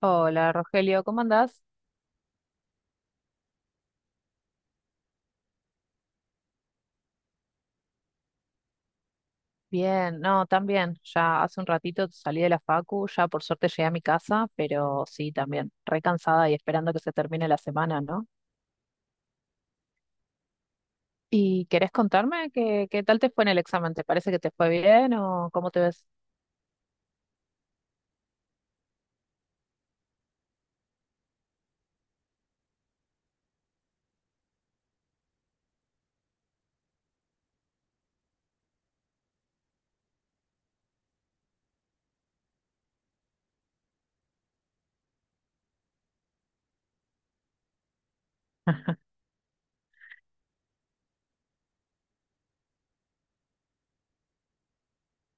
Hola Rogelio, ¿cómo andás? Bien, no, también. Ya hace un ratito salí de la facu, ya por suerte llegué a mi casa, pero sí, también, re cansada y esperando que se termine la semana, ¿no? ¿Y querés contarme qué tal te fue en el examen? ¿Te parece que te fue bien o cómo te ves?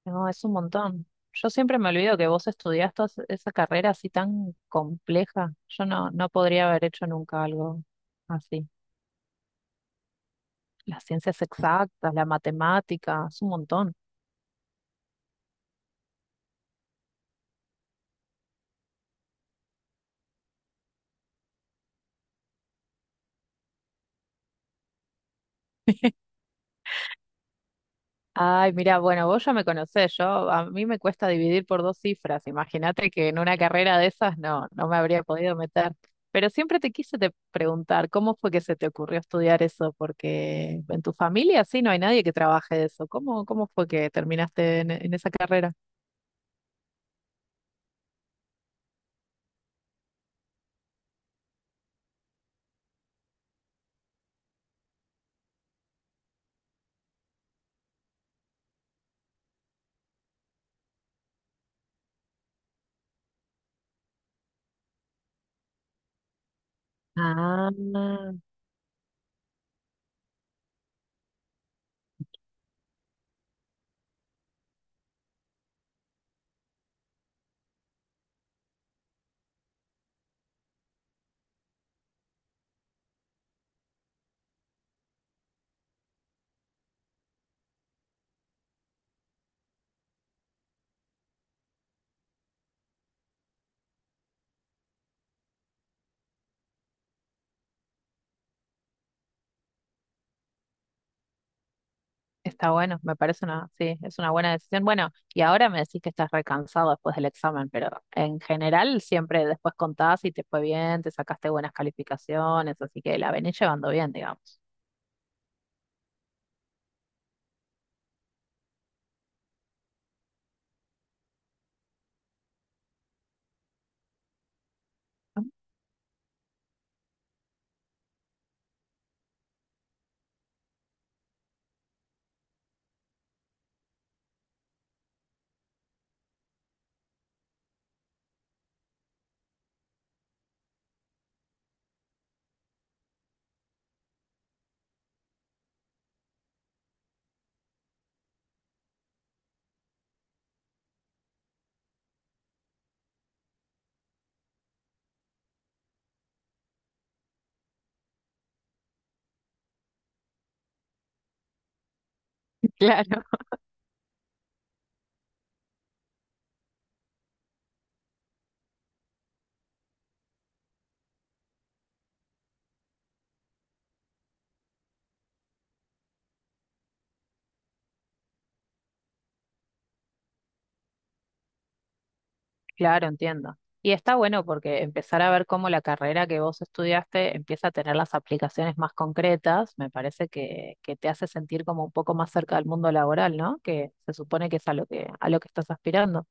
No, es un montón. Yo siempre me olvido que vos estudiaste esa carrera así tan compleja. Yo no, no podría haber hecho nunca algo así. Las ciencias exactas, la matemática, es un montón. Ay, mira, bueno, vos ya me conocés, yo a mí me cuesta dividir por dos cifras. Imagínate que en una carrera de esas no, no me habría podido meter. Pero siempre te quise te preguntar, ¿cómo fue que se te ocurrió estudiar eso? Porque en tu familia sí no hay nadie que trabaje de eso. ¿Cómo fue que terminaste en esa carrera? Ah, está bueno, me parece una, sí, es una buena decisión. Bueno, y ahora me decís que estás recansado después del examen, pero en general siempre después contás si te fue bien, te sacaste buenas calificaciones, así que la venís llevando bien, digamos. Claro. Claro, entiendo. Y está bueno porque empezar a ver cómo la carrera que vos estudiaste empieza a tener las aplicaciones más concretas, me parece que te hace sentir como un poco más cerca del mundo laboral, ¿no? Que se supone que es a lo que estás aspirando.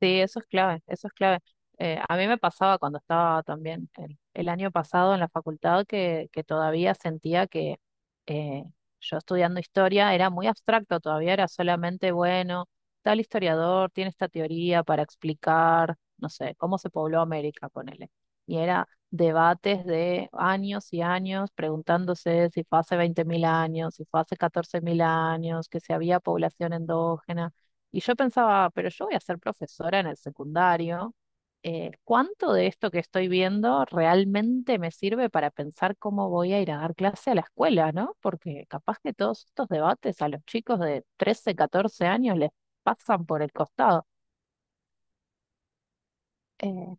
Sí, eso es clave, eso es clave. A mí me pasaba cuando estaba también el año pasado en la facultad que todavía sentía que eh, yo estudiando historia era muy abstracto, todavía era solamente, bueno, tal historiador tiene esta teoría para explicar, no sé, cómo se pobló América, ponele. Y era debates de años y años preguntándose si fue hace 20.000 años, si fue hace 14.000 años, que si había población endógena. Y yo pensaba, pero yo voy a ser profesora en el secundario. ¿Cuánto de esto que estoy viendo realmente me sirve para pensar cómo voy a ir a dar clase a la escuela, ¿no?? Porque capaz que todos estos debates a los chicos de 13, 14 años les pasan por el costado. Eh,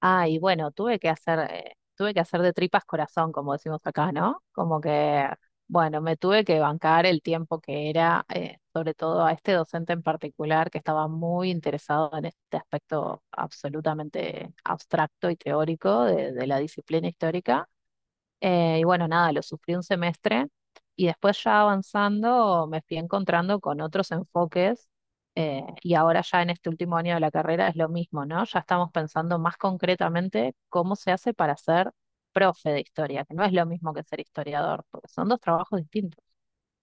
Ah, y bueno, tuve que hacer de tripas corazón, como decimos acá, ¿no? Como que, bueno, me tuve que bancar el tiempo que era, sobre todo a este docente en particular, que estaba muy interesado en este aspecto absolutamente abstracto y teórico de, la disciplina histórica. Y bueno, nada, lo sufrí un semestre y después ya avanzando me fui encontrando con otros enfoques y ahora ya en este último año de la carrera es lo mismo, ¿no? Ya estamos pensando más concretamente cómo se hace para ser profe de historia, que no es lo mismo que ser historiador, porque son dos trabajos distintos.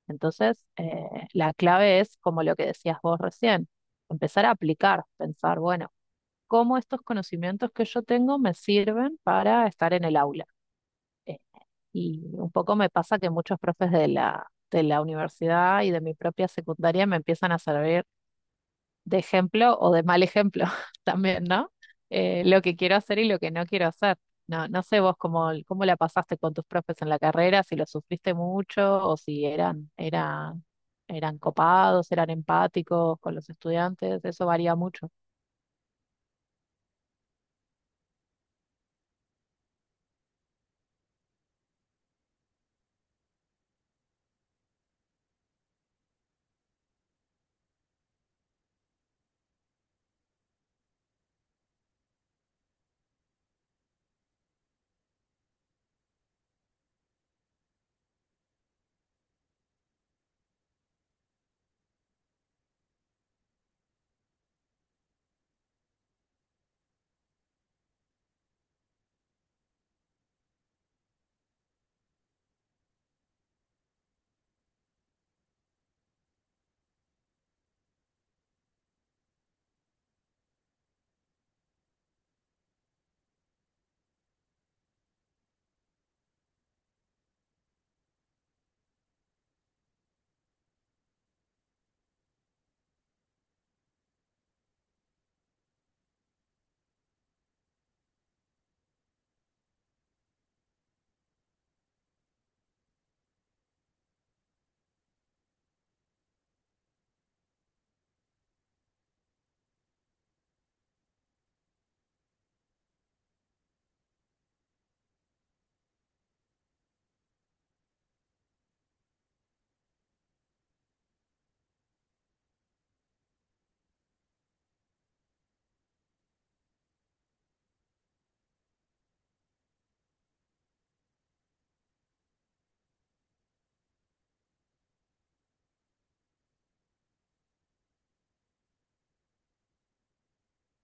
Entonces, la clave es, como lo que decías vos recién, empezar a aplicar, pensar, bueno, cómo estos conocimientos que yo tengo me sirven para estar en el aula. Eh, y un poco me pasa que muchos profes de la universidad y de mi propia secundaria me empiezan a servir de ejemplo o de mal ejemplo también, ¿no? Lo que quiero hacer y lo que no quiero hacer. No, no sé vos cómo, cómo la pasaste con tus profes en la carrera, si lo sufriste mucho o si eran copados, eran empáticos con los estudiantes, eso varía mucho.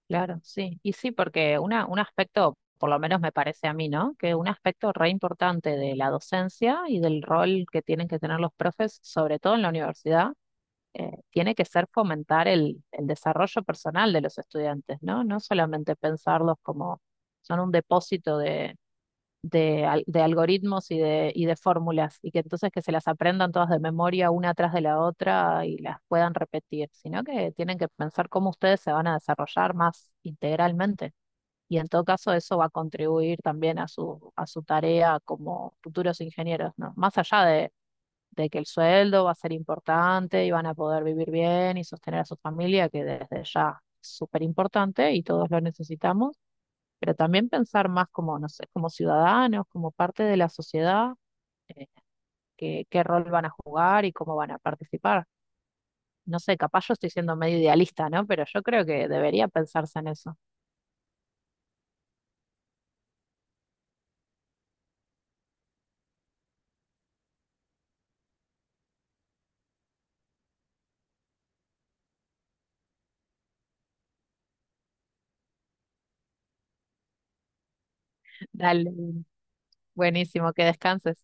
Claro, sí. Y sí, porque una, un aspecto, por lo menos me parece a mí, ¿no? Que un aspecto re importante de la docencia y del rol que tienen que tener los profes, sobre todo en la universidad, tiene que ser fomentar el desarrollo personal de los estudiantes, ¿no? No solamente pensarlos como son un depósito de algoritmos y de fórmulas, y que entonces que se las aprendan todas de memoria una tras de la otra y las puedan repetir, sino que tienen que pensar cómo ustedes se van a desarrollar más integralmente. Y en todo caso eso va a contribuir también a su tarea como futuros ingenieros, ¿no? Más allá de que el sueldo va a ser importante y van a poder vivir bien y sostener a su familia, que desde ya es súper importante y todos lo necesitamos, pero también pensar más como, no sé, como ciudadanos, como parte de la sociedad, eh, qué rol van a jugar y cómo van a participar. No sé, capaz yo estoy siendo medio idealista, ¿no? Pero yo creo que debería pensarse en eso. Dale, buenísimo, que descanses.